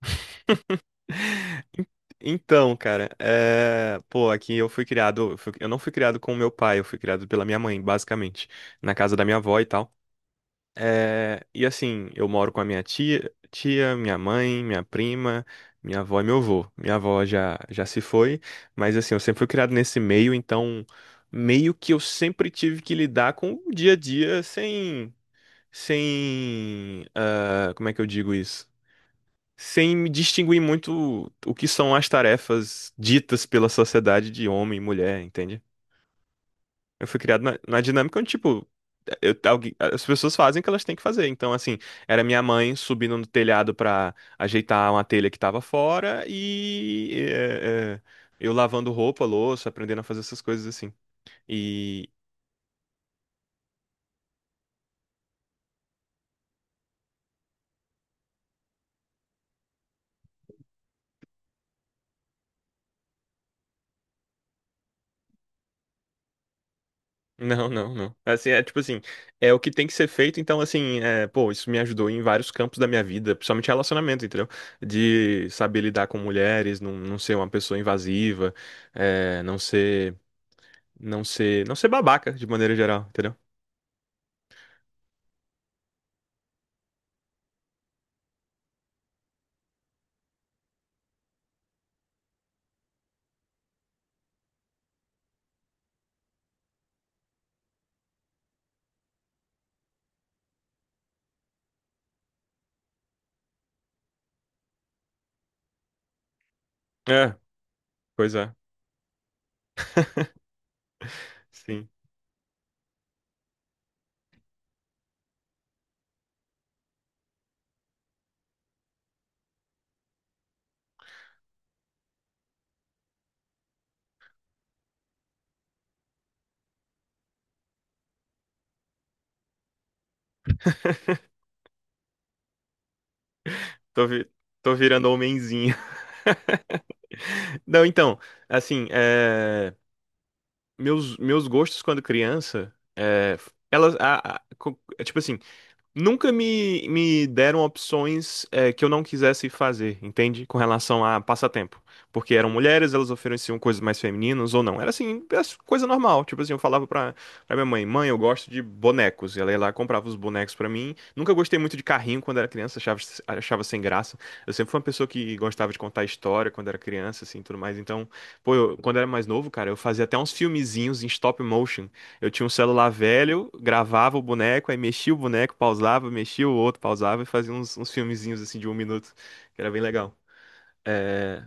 En- Então, cara, é, pô, aqui eu fui criado, eu não fui criado com o meu pai, eu fui criado pela minha mãe, basicamente, na casa da minha avó e tal. É, e assim, eu moro com a minha tia, minha mãe, minha prima, minha avó e meu avô. Minha avó já se foi, mas assim, eu sempre fui criado nesse meio, então meio que eu sempre tive que lidar com o dia a dia sem, como é que eu digo isso? Sem me distinguir muito o que são as tarefas ditas pela sociedade de homem e mulher, entende? Eu fui criado na dinâmica onde, tipo, as pessoas fazem o que elas têm que fazer. Então, assim, era minha mãe subindo no telhado pra ajeitar uma telha que tava fora e eu lavando roupa, louça, aprendendo a fazer essas coisas assim. Não, não, não. Assim, é tipo assim, é o que tem que ser feito, então assim, é, pô, isso me ajudou em vários campos da minha vida, principalmente relacionamento, entendeu? De saber lidar com mulheres, não ser uma pessoa invasiva, é, não ser babaca de maneira geral, entendeu? É, pois é. Sim. Tô, tô virando homenzinho. Não, então, assim, é, meus gostos quando criança, é, elas, é tipo assim, nunca me deram opções que eu não quisesse fazer, entende? Com relação a passatempo. Porque eram mulheres, elas ofereciam coisas mais femininas ou não. Era assim, era coisa normal. Tipo assim, eu falava pra minha mãe, mãe, eu gosto de bonecos. E ela ia lá, comprava os bonecos pra mim. Nunca gostei muito de carrinho quando era criança, achava sem graça. Eu sempre fui uma pessoa que gostava de contar história quando era criança, assim, tudo mais. Então, pô, quando era mais novo, cara, eu fazia até uns filmezinhos em stop motion, eu tinha um celular velho, gravava o boneco, aí mexia o boneco, pausava, mexia o outro, pausava e fazia uns filmezinhos assim de um minuto, que era bem legal. É,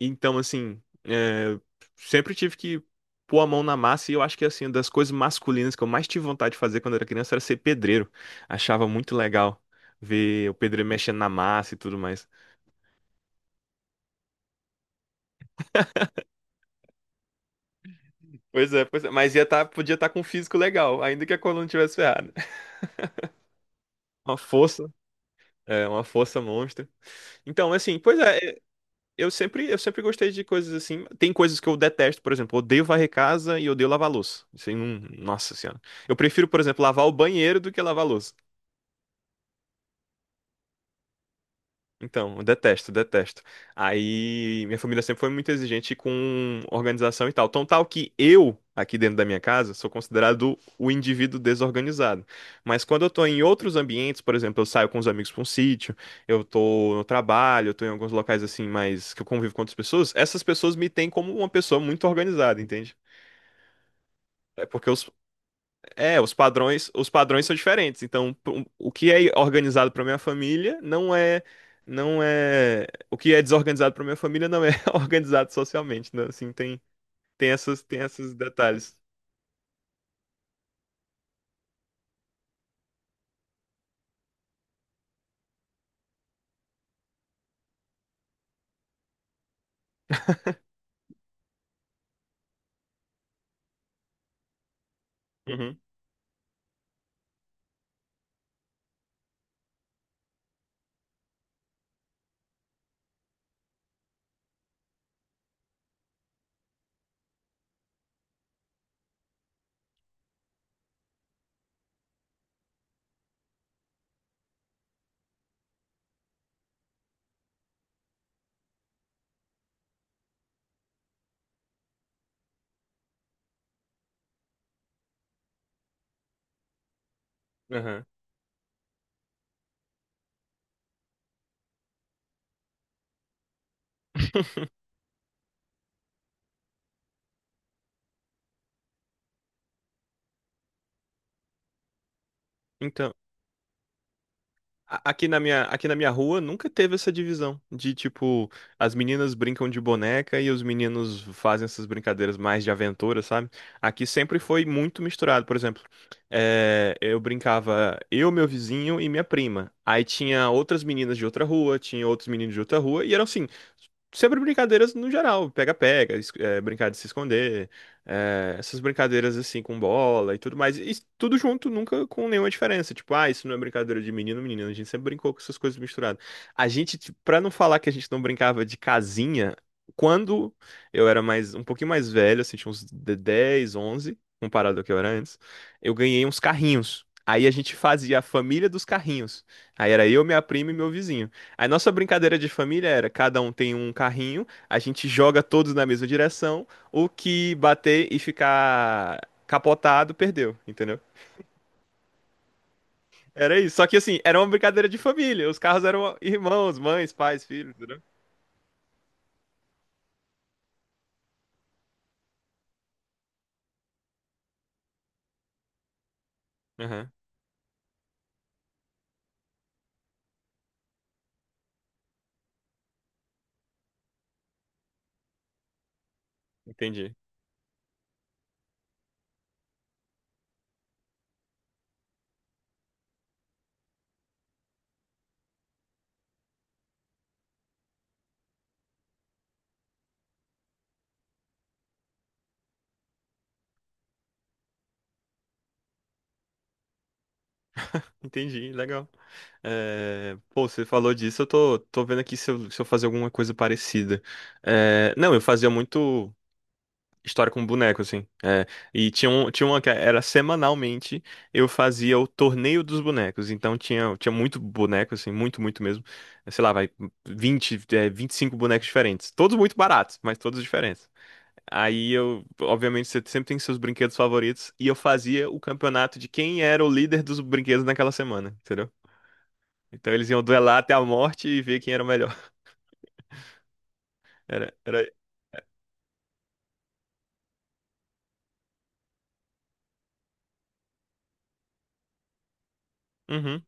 então, assim, é, sempre tive que pôr a mão na massa e eu acho que, assim, uma das coisas masculinas que eu mais tive vontade de fazer quando era criança era ser pedreiro. Achava muito legal ver o pedreiro mexendo na massa e tudo mais. Pois é, mas ia tá, podia estar com um físico legal, ainda que a coluna tivesse ferrada. Uma força, é, uma força monstra. Então, assim, pois é. Eu sempre gostei de coisas assim. Tem coisas que eu detesto, por exemplo, eu odeio varrer casa e eu odeio lavar louça. Isso aí não, nossa senhora. Eu prefiro, por exemplo, lavar o banheiro do que lavar louça. Então, eu detesto, detesto. Aí, minha família sempre foi muito exigente com organização e tal. Tão tal que eu, aqui dentro da minha casa, sou considerado o indivíduo desorganizado. Mas quando eu tô em outros ambientes, por exemplo, eu saio com os amigos pra um sítio, eu tô no trabalho, eu tô em alguns locais assim, mas que eu convivo com outras pessoas, essas pessoas me têm como uma pessoa muito organizada, entende? É porque eu, é, os padrões são diferentes. Então, o que é organizado para minha família não é, não é, o que é desorganizado para minha família não é organizado socialmente, né? Assim, tem esses detalhes. Uhum, aham. Então, aqui na minha rua nunca teve essa divisão de tipo, as meninas brincam de boneca e os meninos fazem essas brincadeiras mais de aventura, sabe? Aqui sempre foi muito misturado. Por exemplo, eu brincava eu, meu vizinho e minha prima. Aí tinha outras meninas de outra rua, tinha outros meninos de outra rua, e eram assim, sempre brincadeiras no geral, pega-pega, brincar de se esconder, é, essas brincadeiras assim com bola e tudo mais. E tudo junto, nunca com nenhuma diferença. Tipo, ah, isso não é brincadeira de menino, menina. A gente sempre brincou com essas coisas misturadas. A gente, tipo, pra não falar que a gente não brincava de casinha, quando eu era mais, um pouquinho mais velho, assim, tinha uns 10, 11, comparado ao que eu era antes, eu ganhei uns carrinhos. Aí a gente fazia a família dos carrinhos. Aí era eu, minha prima e meu vizinho. Aí nossa brincadeira de família era, cada um tem um carrinho, a gente joga todos na mesma direção, o que bater e ficar capotado perdeu, entendeu? Era isso. Só que assim, era uma brincadeira de família. Os carros eram irmãos, mães, pais, filhos, entendeu? Aham, entendi. Entendi, legal. É, pô, você falou disso, eu tô vendo aqui se eu fazer alguma coisa parecida. É, não, eu fazia muito. História com boneco, assim. É. E tinha, tinha uma que era semanalmente, eu fazia o torneio dos bonecos. Então tinha muito boneco, assim, muito, muito mesmo. Sei lá, vai 25 bonecos diferentes. Todos muito baratos, mas todos diferentes. Aí eu, obviamente, você sempre tem seus brinquedos favoritos. E eu fazia o campeonato de quem era o líder dos brinquedos naquela semana, entendeu? Então eles iam duelar até a morte e ver quem era o melhor. Era... Uhum.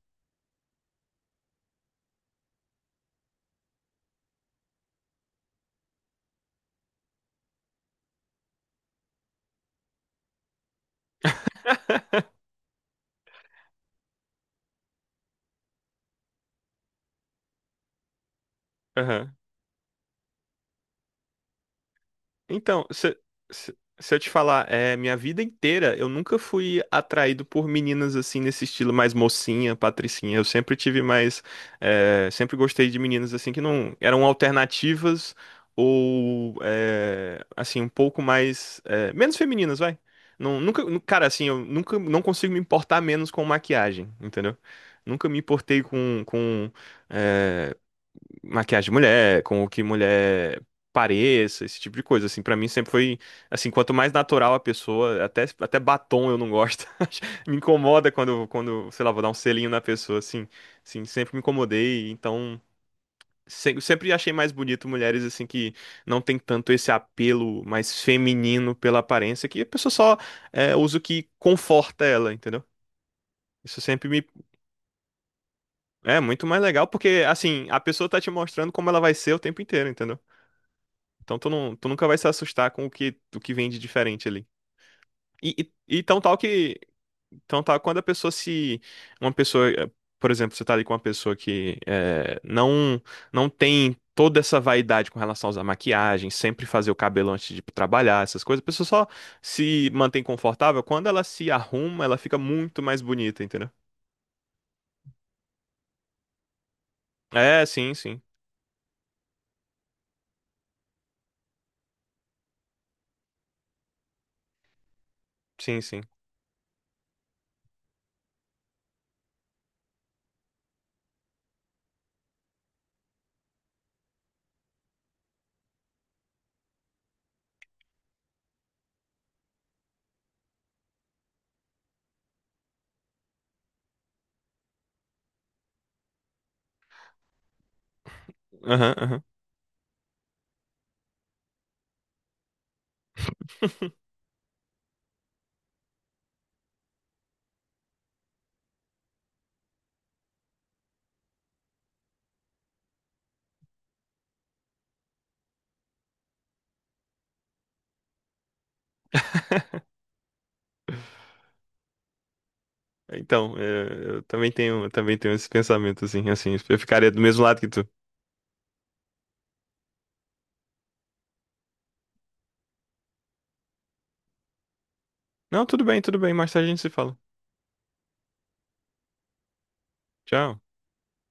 Então, se eu te falar, é, minha vida inteira eu nunca fui atraído por meninas assim nesse estilo mais mocinha, patricinha. Eu sempre tive mais, sempre gostei de meninas assim que não eram alternativas ou assim um pouco mais menos femininas, vai. Não, nunca, cara, assim, eu nunca não consigo me importar menos com maquiagem, entendeu? Nunca me importei com é, maquiagem de mulher, com o que mulher pareça, esse tipo de coisa, assim, pra mim sempre foi, assim, quanto mais natural a pessoa, até batom eu não gosto, me incomoda quando, sei lá, vou dar um selinho na pessoa, assim, assim, sempre me incomodei, então... Sempre achei mais bonito mulheres assim que não tem tanto esse apelo mais feminino pela aparência, que a pessoa só usa o que conforta ela, entendeu? Isso sempre me é muito mais legal, porque assim, a pessoa tá te mostrando como ela vai ser o tempo inteiro, entendeu? Então tu, não, tu nunca vai se assustar com o que vem de diferente ali. E, e tão tal que. Tão tal quando a pessoa se. Uma pessoa. Por exemplo, você tá ali com uma pessoa que não, não tem toda essa vaidade com relação a usar maquiagem, sempre fazer o cabelo antes de ir trabalhar, essas coisas. A pessoa só se mantém confortável. Quando ela se arruma, ela fica muito mais bonita, entendeu? É, sim, sim. Sim, sim. Aham, aham. Então, eu também tenho esse pensamento, assim, eu ficaria do mesmo lado que tu. Não, tudo bem, tudo bem. Mais tarde a gente se fala. Tchau.